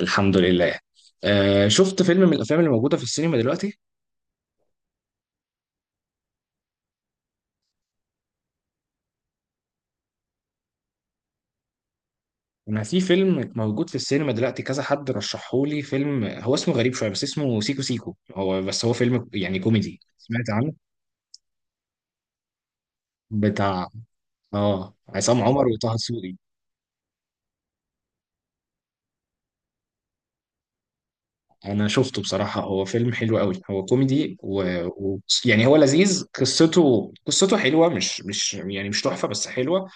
الحمد لله. شفت فيلم من الافلام اللي موجوده في السينما دلوقتي. انا في فيلم موجود في السينما دلوقتي، كذا حد رشحهولي فيلم، هو اسمه غريب شويه بس اسمه سيكو سيكو، هو فيلم كوميدي، سمعت عنه؟ بتاع اه عصام عمر وطه دسوقي. انا شفته بصراحه، هو فيلم حلو قوي، هو كوميدي و يعني هو لذيذ، قصته حلوه، مش يعني مش تحفه بس حلوه.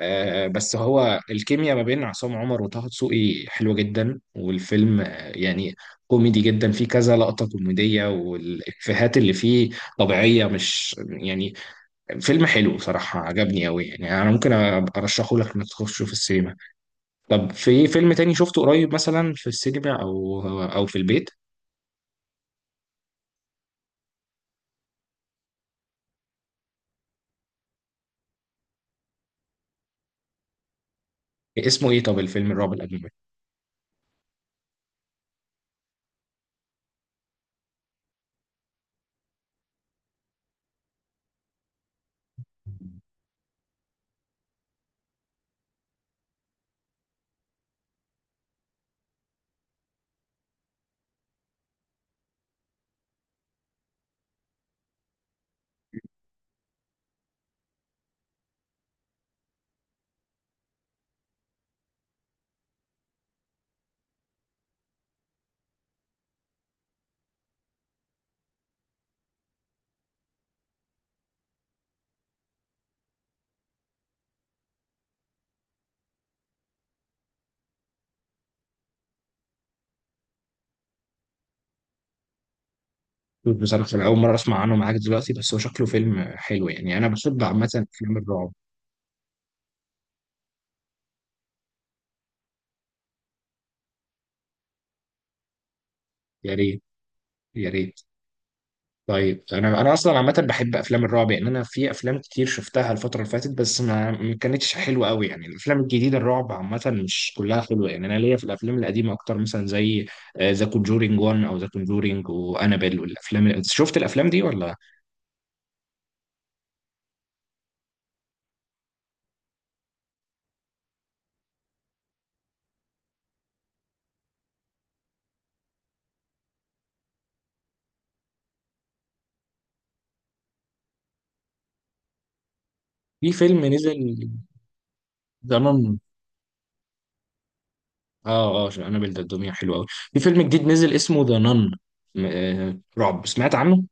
بس هو الكيمياء ما بين عصام عمر وطه دسوقي حلوة جدا، والفيلم يعني كوميدي جدا، فيه كذا لقطة كوميدية، والإفيهات اللي فيه طبيعية، مش يعني. فيلم حلو بصراحة، عجبني أوي، يعني أنا ممكن أبقى أرشحه لك إنك تخشه في السينما. طب في فيلم تاني شفته قريب مثلا في السينما أو في البيت؟ اسمه إيه طب الفيلم الرعب الأجنبي؟ بصراحة أنا أول مرة أسمع عنه معاك دلوقتي، بس هو شكله فيلم حلو، يعني أنا بحب عامة أفلام الرعب. يا ريت. يا ريت. طيب، انا اصلا عامه بحب افلام الرعب، يعني انا في افلام كتير شفتها الفتره اللي فاتت بس ما كانتش حلوه قوي، يعني الافلام الجديده الرعب عامه مش كلها حلوه، يعني انا ليا في الافلام القديمه اكتر، مثلا زي ذا كونجورينج 1 او ذا كونجورينج وانابيل والافلام شفت الافلام دي ولا؟ في فيلم نزل، ذا نن. اه اه، انابيل ده الدنيا حلوه قوي. في فيلم جديد نزل اسمه ذا نن، رعب، سمعت عنه؟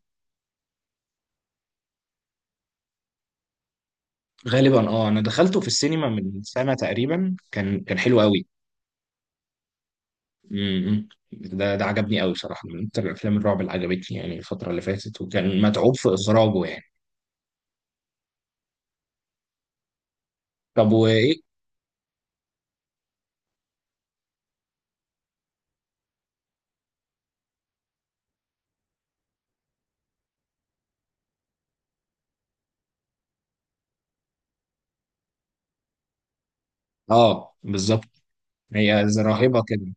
غالبا اه، انا دخلته في السينما من سنه تقريبا، كان حلو قوي. امم، ده عجبني قوي بصراحه، من اكتر الافلام الرعب اللي عجبتني يعني الفتره اللي فاتت، وكان متعوب في اخراجه يعني. طب وايه؟ اه بالظبط. هي زي راهبه كده.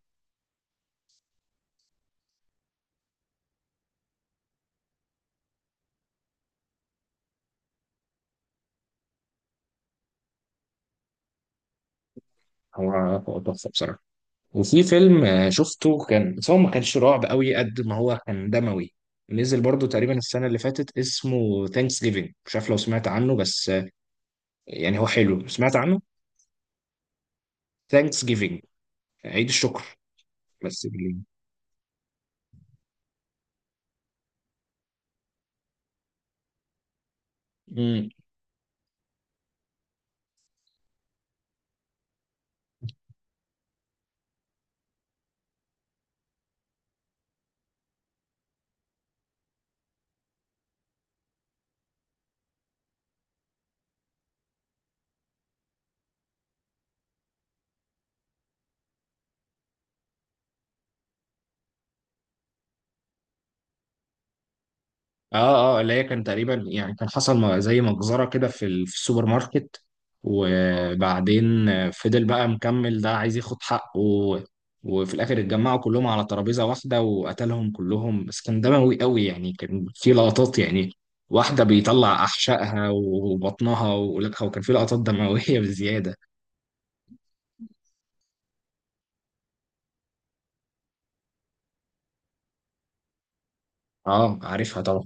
هو هو تحفه بصراحه. وفي فيلم شفته كان، بس هو ما كانش رعب قوي قد ما هو كان دموي، نزل برضو تقريبا السنه اللي فاتت، اسمه ثانكس جيفينج، مش عارف لو سمعت عنه، بس يعني هو حلو. سمعت عنه؟ ثانكس جيفينج، عيد الشكر. بس بالليل. اه اه، اللي هي كان تقريبا يعني كان حصل زي مجزرة كده في في السوبر ماركت، اه. وبعدين فضل بقى مكمل، ده عايز ياخد حقه وفي الاخر اتجمعوا كلهم على ترابيزة واحدة وقتلهم كلهم، بس كان دموي قوي يعني، كان في لقطات يعني، واحدة بيطلع أحشائها وبطنها ولكها، وكان في لقطات دموية بزيادة. اه عارفها طبعا.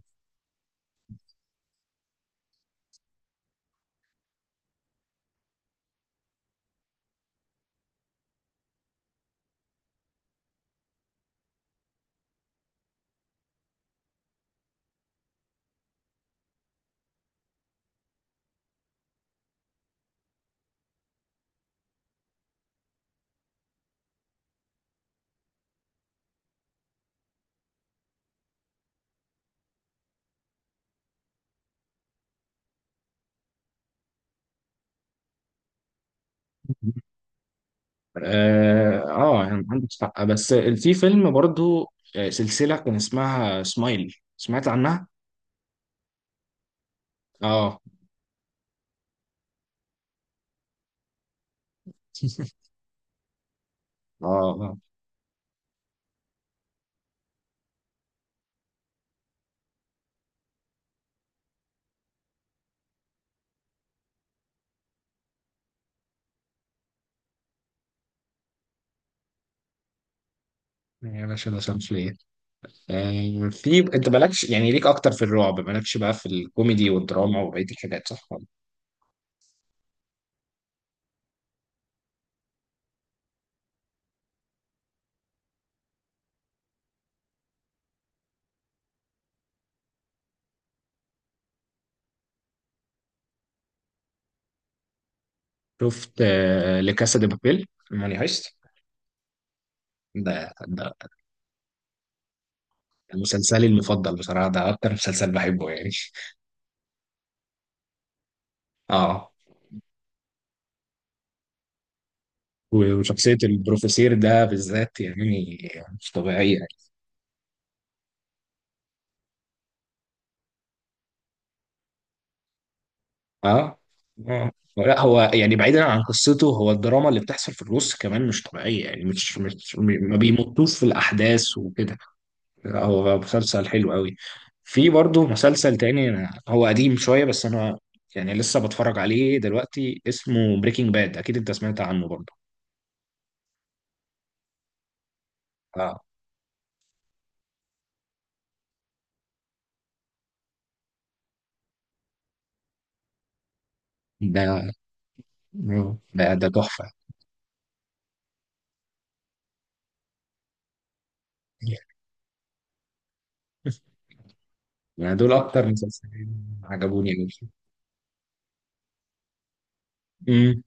اه، يعني عندك حق، بس في فيلم برضو، سلسلة كان اسمها سمايل، سمعت عنها؟ اه. اه. آه. يا باشا ده شمسية. آه، في انت مالكش يعني، ليك اكتر في الرعب، مالكش بقى في الكوميدي والدراما وبقية الحاجات، صح؟ شفت آه لكاسا دي بابيل، موني هايست؟ ده مسلسلي المفضل بصراحة، ده اكتر مسلسل بحبه يعني. اه. و- وشخصية البروفيسير ده بالذات يعني مش طبيعية يعني. اه اه، لا هو يعني بعيدا عن قصته، هو الدراما اللي بتحصل في النص كمان مش طبيعية، يعني مش ما بيمطوش في الأحداث وكده. هو مسلسل حلو قوي. في برضه مسلسل تاني، هو قديم شوية بس أنا يعني لسه بتفرج عليه دلوقتي، اسمه بريكنج باد، أكيد أنت سمعت عنه برضه. اه. ده ده تحفة. يعني دول أكتر مسلسلين عجبوني أوي. امم.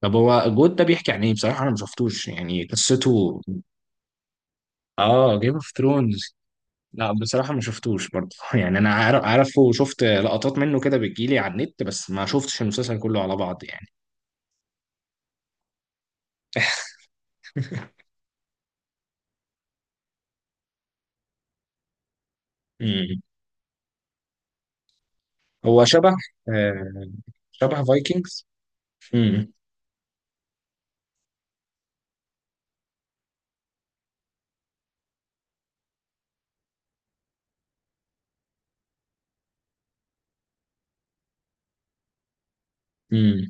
طب هو جود ده بيحكي عن إيه؟ بصراحة أنا ما شفتوش يعني قصته. آه، جيم اوف ثرونز. لا بصراحة ما شفتوش برضه، يعني أنا عارف عارفه، وشفت لقطات منه كده بتجيلي على النت، بس ما شفتش المسلسل كله على بعض يعني. هو شبه، آه شبه فايكنجز. امم. امم.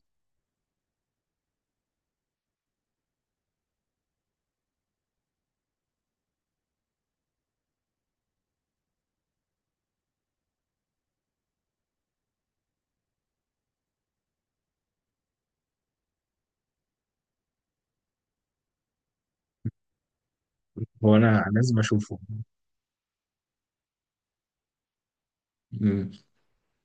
هو انا لازم اشوفه. امم.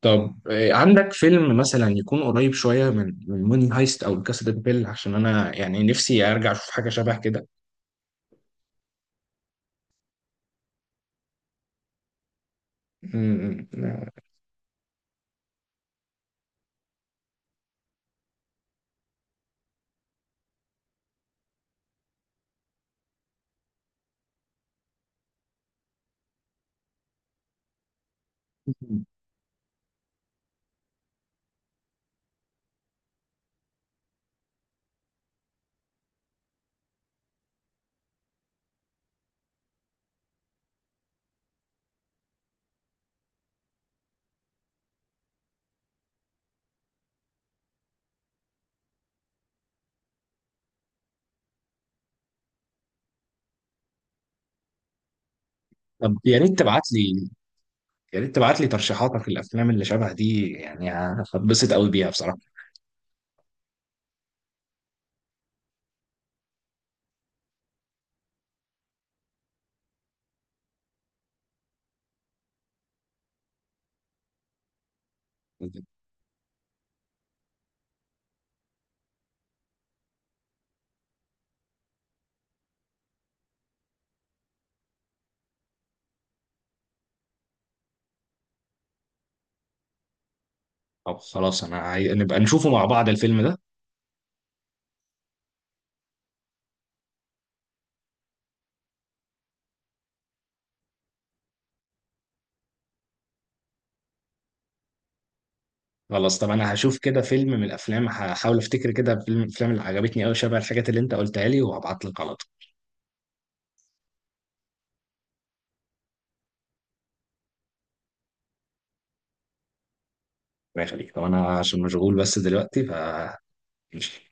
طب آه، عندك فيلم مثلا يكون قريب شويه من موني هايست او كاسا دي بيل؟ عشان انا يعني نفسي ارجع اشوف حاجه شبه كده. امم. طب يا ريت تبعت لي، يا ريت تبعت لي ترشيحاتك للافلام اللي شبه دي، يعني هتبسط قوي بيها بصراحه. طب خلاص انا نبقى نشوفه مع بعض الفيلم ده. خلاص، طب انا هشوف كده فيلم من الافلام، هحاول افتكر كده فيلم من الافلام اللي عجبتني قوي شبه الحاجات اللي انت قلتها لي وهبعت لك على طول. الله يخليك. طب انا عشان مشغول بس دلوقتي ف ماشي.